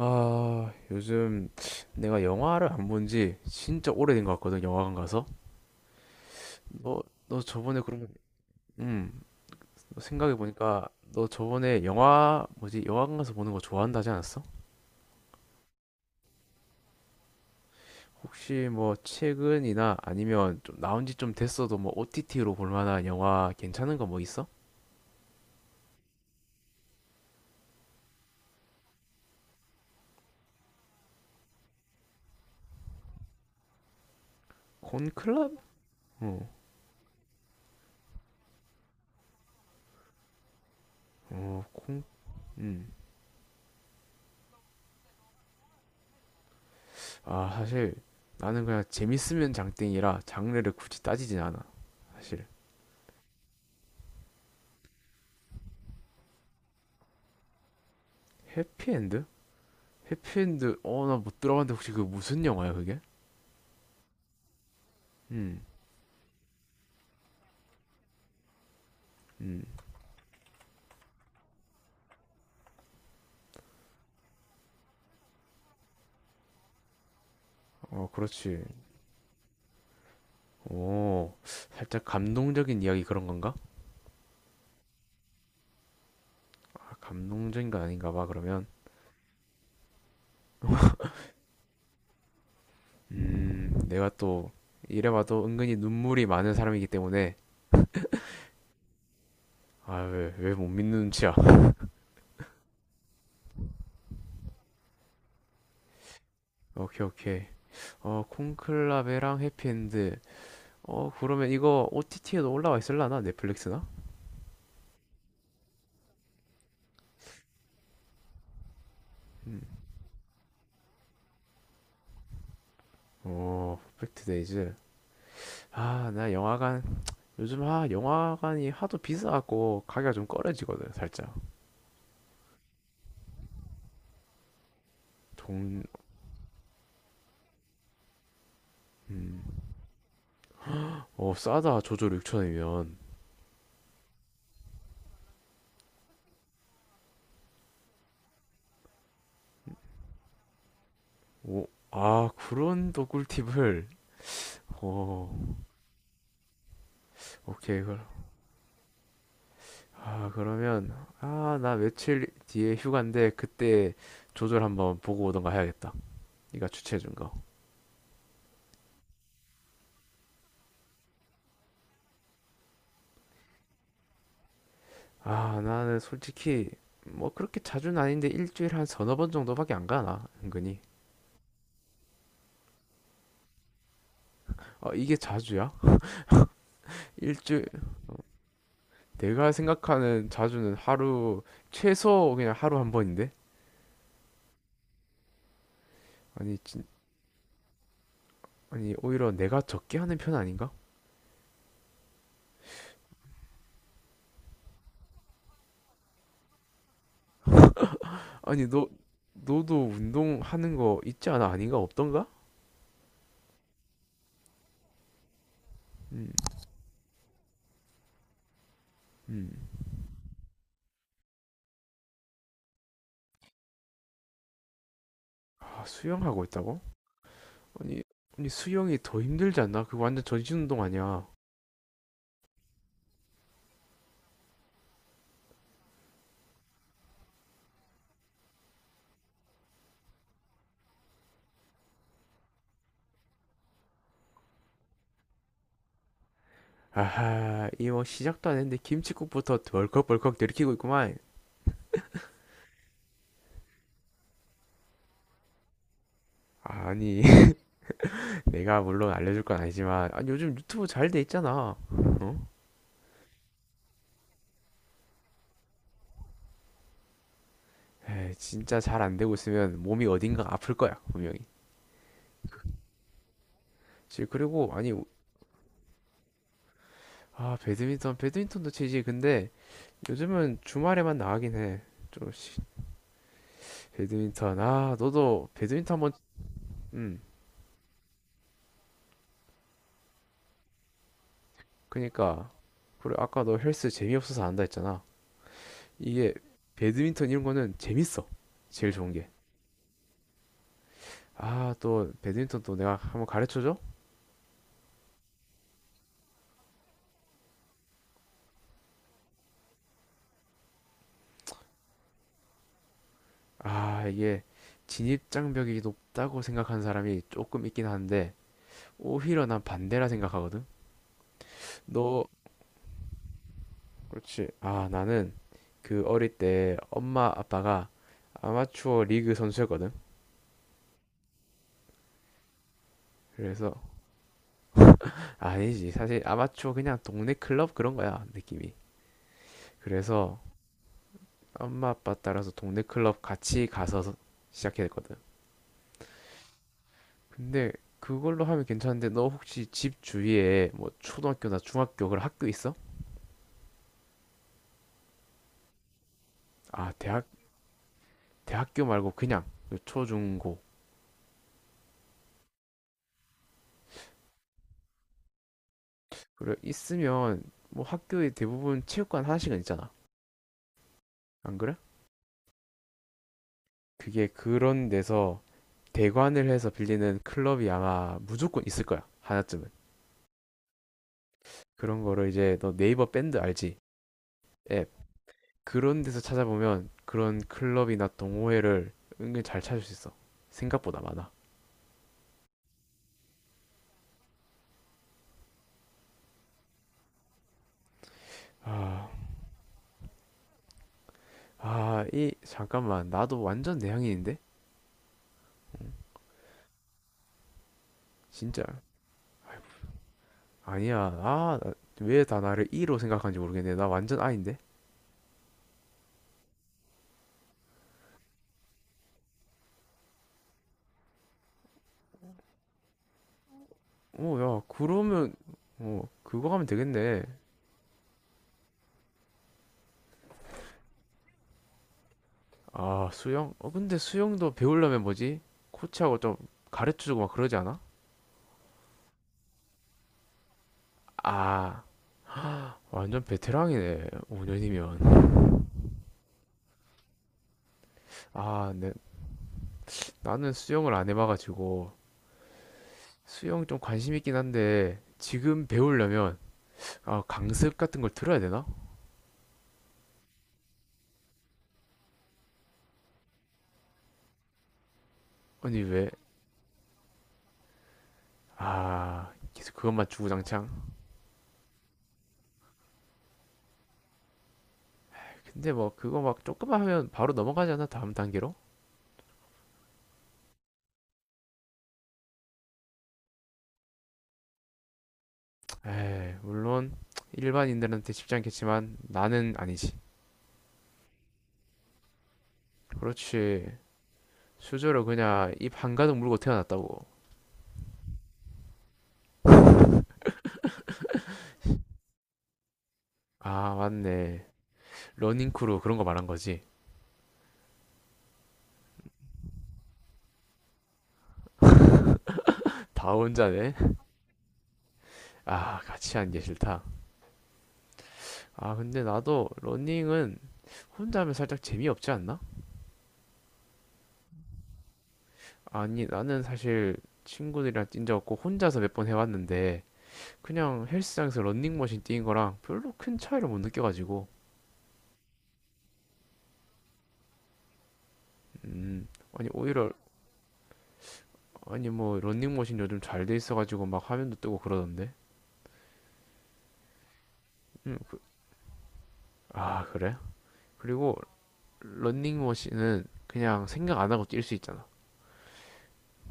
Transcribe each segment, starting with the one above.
아, 요즘 내가 영화를 안 본지 진짜 오래된 것 같거든, 영화관 가서. 너, 너 저번에 그러면, 음, 생각해보니까 너 저번에 영화관 가서 보는 거 좋아한다지 않았어? 혹시 뭐 최근이나 아니면 좀 나온 지 좀 됐어도 뭐 OTT로 볼 만한 영화 괜찮은 거 뭐 있어? 콘클럽? 어, 어, 콘, 음. 아, 사실 나는 그냥 재밌으면 장땡이라 장르를 굳이 따지진 않아. 사실. 해피엔드? 해피엔드, 어 나 못 들어봤는데 혹시 그 무슨 영화야 그게? 음. 음. 어, 그렇지. 오, 살짝 감동적인 이야기 그런 건가? 아, 감동적인 건 아닌가 봐 그러면. 음, 내가 또 이래봐도 은근히 눈물이 많은 사람이기 때문에. 아, 왜 못 믿는 눈치야. 오케이, 오케이. 어, 콘클라베랑 해피엔드. 어, 그러면 이거 OTT에도 올라와 있을라나, 넷플릭스나? 음. 오, 퍼펙트 데이즈. 아, 나 영화관, 요즘, 아, 영화관이 하도 비싸갖고 가게가 좀 꺼려지거든, 살짝. 돈, 음, 어, 싸다. 조조로 6천 원이면. 오, 아, 그런 또 꿀팁을. 오, 오케이. 그럼, 아, 그러면, 아, 나 며칠 뒤에 휴가인데 그때 조조를 한번 보고 오던가 해야겠다, 네가 추천해준. 거아, 나는 솔직히 뭐 그렇게 자주는 아닌데 일주일에 한 서너 번 정도밖에 안 가나, 은근히. 아, 이게 자주야? 일주일. 내가 생각하는 자주는 하루, 최소 그냥 하루 한 번인데? 아니 진, 아니, 오히려 내가 적게 하는 편 아닌가? 아니 너 너도 운동하는 거 있지 않아? 아닌가? 없던가? 음. 아, 수영하고 있다고? 아니 아니, 수영이 더 힘들지 않나? 그거 완전 전신 운동 아니야. 아하, 이거 시작도 안 했는데 김칫국부터 덜컥벌컥 들이키고 있구만. 아니, 내가 물론 알려줄 건 아니지만, 아니 요즘 유튜브 잘 돼 있잖아. 어? 에이, 진짜 잘 안 되고 있으면 몸이 어딘가 아플 거야, 분명히. 그리고, 아니, 아, 배드민턴도 치지. 근데 요즘은 주말에만 나가긴 해. 좀 시- 배드민턴, 아 너도 배드민턴 한번. 음, 그니까, 그래, 아까 너 헬스 재미없어서 안 한다 했잖아. 이게 배드민턴 이런 거는 재밌어. 제일 좋은 게. 아, 또 배드민턴, 또 내가 한번 가르쳐줘? 아, 이게 진입장벽이 높다고 생각하는 사람이 조금 있긴 한데 오히려 난 반대라 생각하거든. 너, 그렇지. 아, 나는 그 어릴 때 엄마 아빠가 아마추어 리그 선수였거든. 그래서, 아니지. 사실 아마추어 그냥 동네 클럽 그런 거야, 느낌이. 그래서 엄마 아빠 따라서 동네 클럽 같이 가서 시작했거든. 근데 그걸로 하면 괜찮은데 너 혹시 집 주위에 뭐 초등학교나 중학교 그런 학교 있어? 아, 대학. 대학교 말고 그냥 그 초중고. 그래, 있으면 뭐 학교에 대부분 체육관 하나씩은 있잖아. 안 그래? 그게, 그런 데서 대관을 해서 빌리는 클럽이 아마 무조건 있을 거야. 하나쯤은. 그런 거를 이제, 너 네이버 밴드 알지? 앱. 그런 데서 찾아보면 그런 클럽이나 동호회를 은근 잘 찾을 수 있어. 생각보다 많아. 아, 아, 이, 잠깐만. 나도 완전 내향인인데? 진짜. 아니야. 아, 왜 다 나를 이로 생각하는지 모르겠네. 나 완전 아인데? 어, 야, 그러면, 어, 그거 하면 되겠네. 아, 수영? 어, 근데 수영도 배우려면 뭐지? 코치하고 좀 가르쳐주고 막 그러지 않아? 아, 완전 베테랑이네. 5년이면. 아, 네. 나는 수영을 안 해봐가지고. 수영 좀 관심 있긴 한데, 지금 배우려면, 아, 강습 같은 걸 들어야 되나? 아니, 왜? 아, 계속 그것만 주구장창. 근데 뭐, 그거 막 조금만 하면 바로 넘어가지 않아? 다음 단계로? 에이, 물론, 일반인들한테 쉽지 않겠지만, 나는 아니지. 그렇지. 수저로 그냥 입 한가득 물고 태어났다고. 아, 맞네. 러닝크루, 그런 거 말한 거지. 다 혼자네. 아, 같이 하는 게 싫다. 아, 근데 나도 러닝은 혼자 하면 살짝 재미없지 않나? 아니, 나는 사실 친구들이랑 뛴 적 없고 혼자서 몇 번 해봤는데 그냥 헬스장에서 런닝머신 뛰는 거랑 별로 큰 차이를 못 느껴가지고. 아니 오히려, 아니 뭐 런닝머신 요즘 잘 돼 있어가지고 막 화면도 뜨고 그러던데. 아, 그래? 그리고 런닝머신은 그냥 생각 안 하고 뛸 수 있잖아.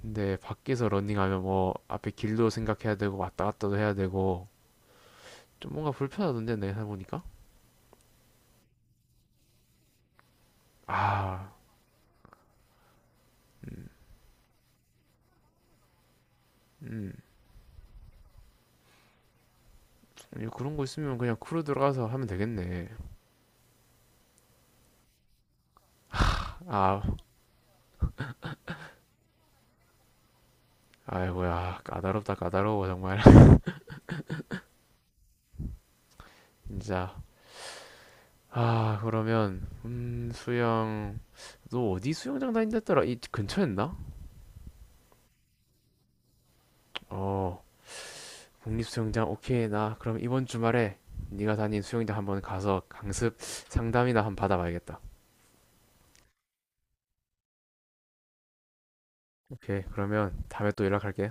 근데 밖에서 런닝하면 뭐 앞에 길도 생각해야 되고 왔다 갔다도 해야 되고 좀 뭔가 불편하던데 내가 해보니까. 아, 음, 그런 거 있으면 그냥 크루 들어가서 하면 되겠네. 아, 아이고야, 까다롭다, 까다로워, 정말. 진짜. 아, 그러면, 수영, 너 어디 수영장 다닌댔더라? 이 근처였나? 어, 국립수영장. 오케이, 나 그럼 이번 주말에 네가 다닌 수영장 한번 가서 강습 상담이나 한번 받아봐야겠다. 오케이, 그러면 다음에 또 연락할게.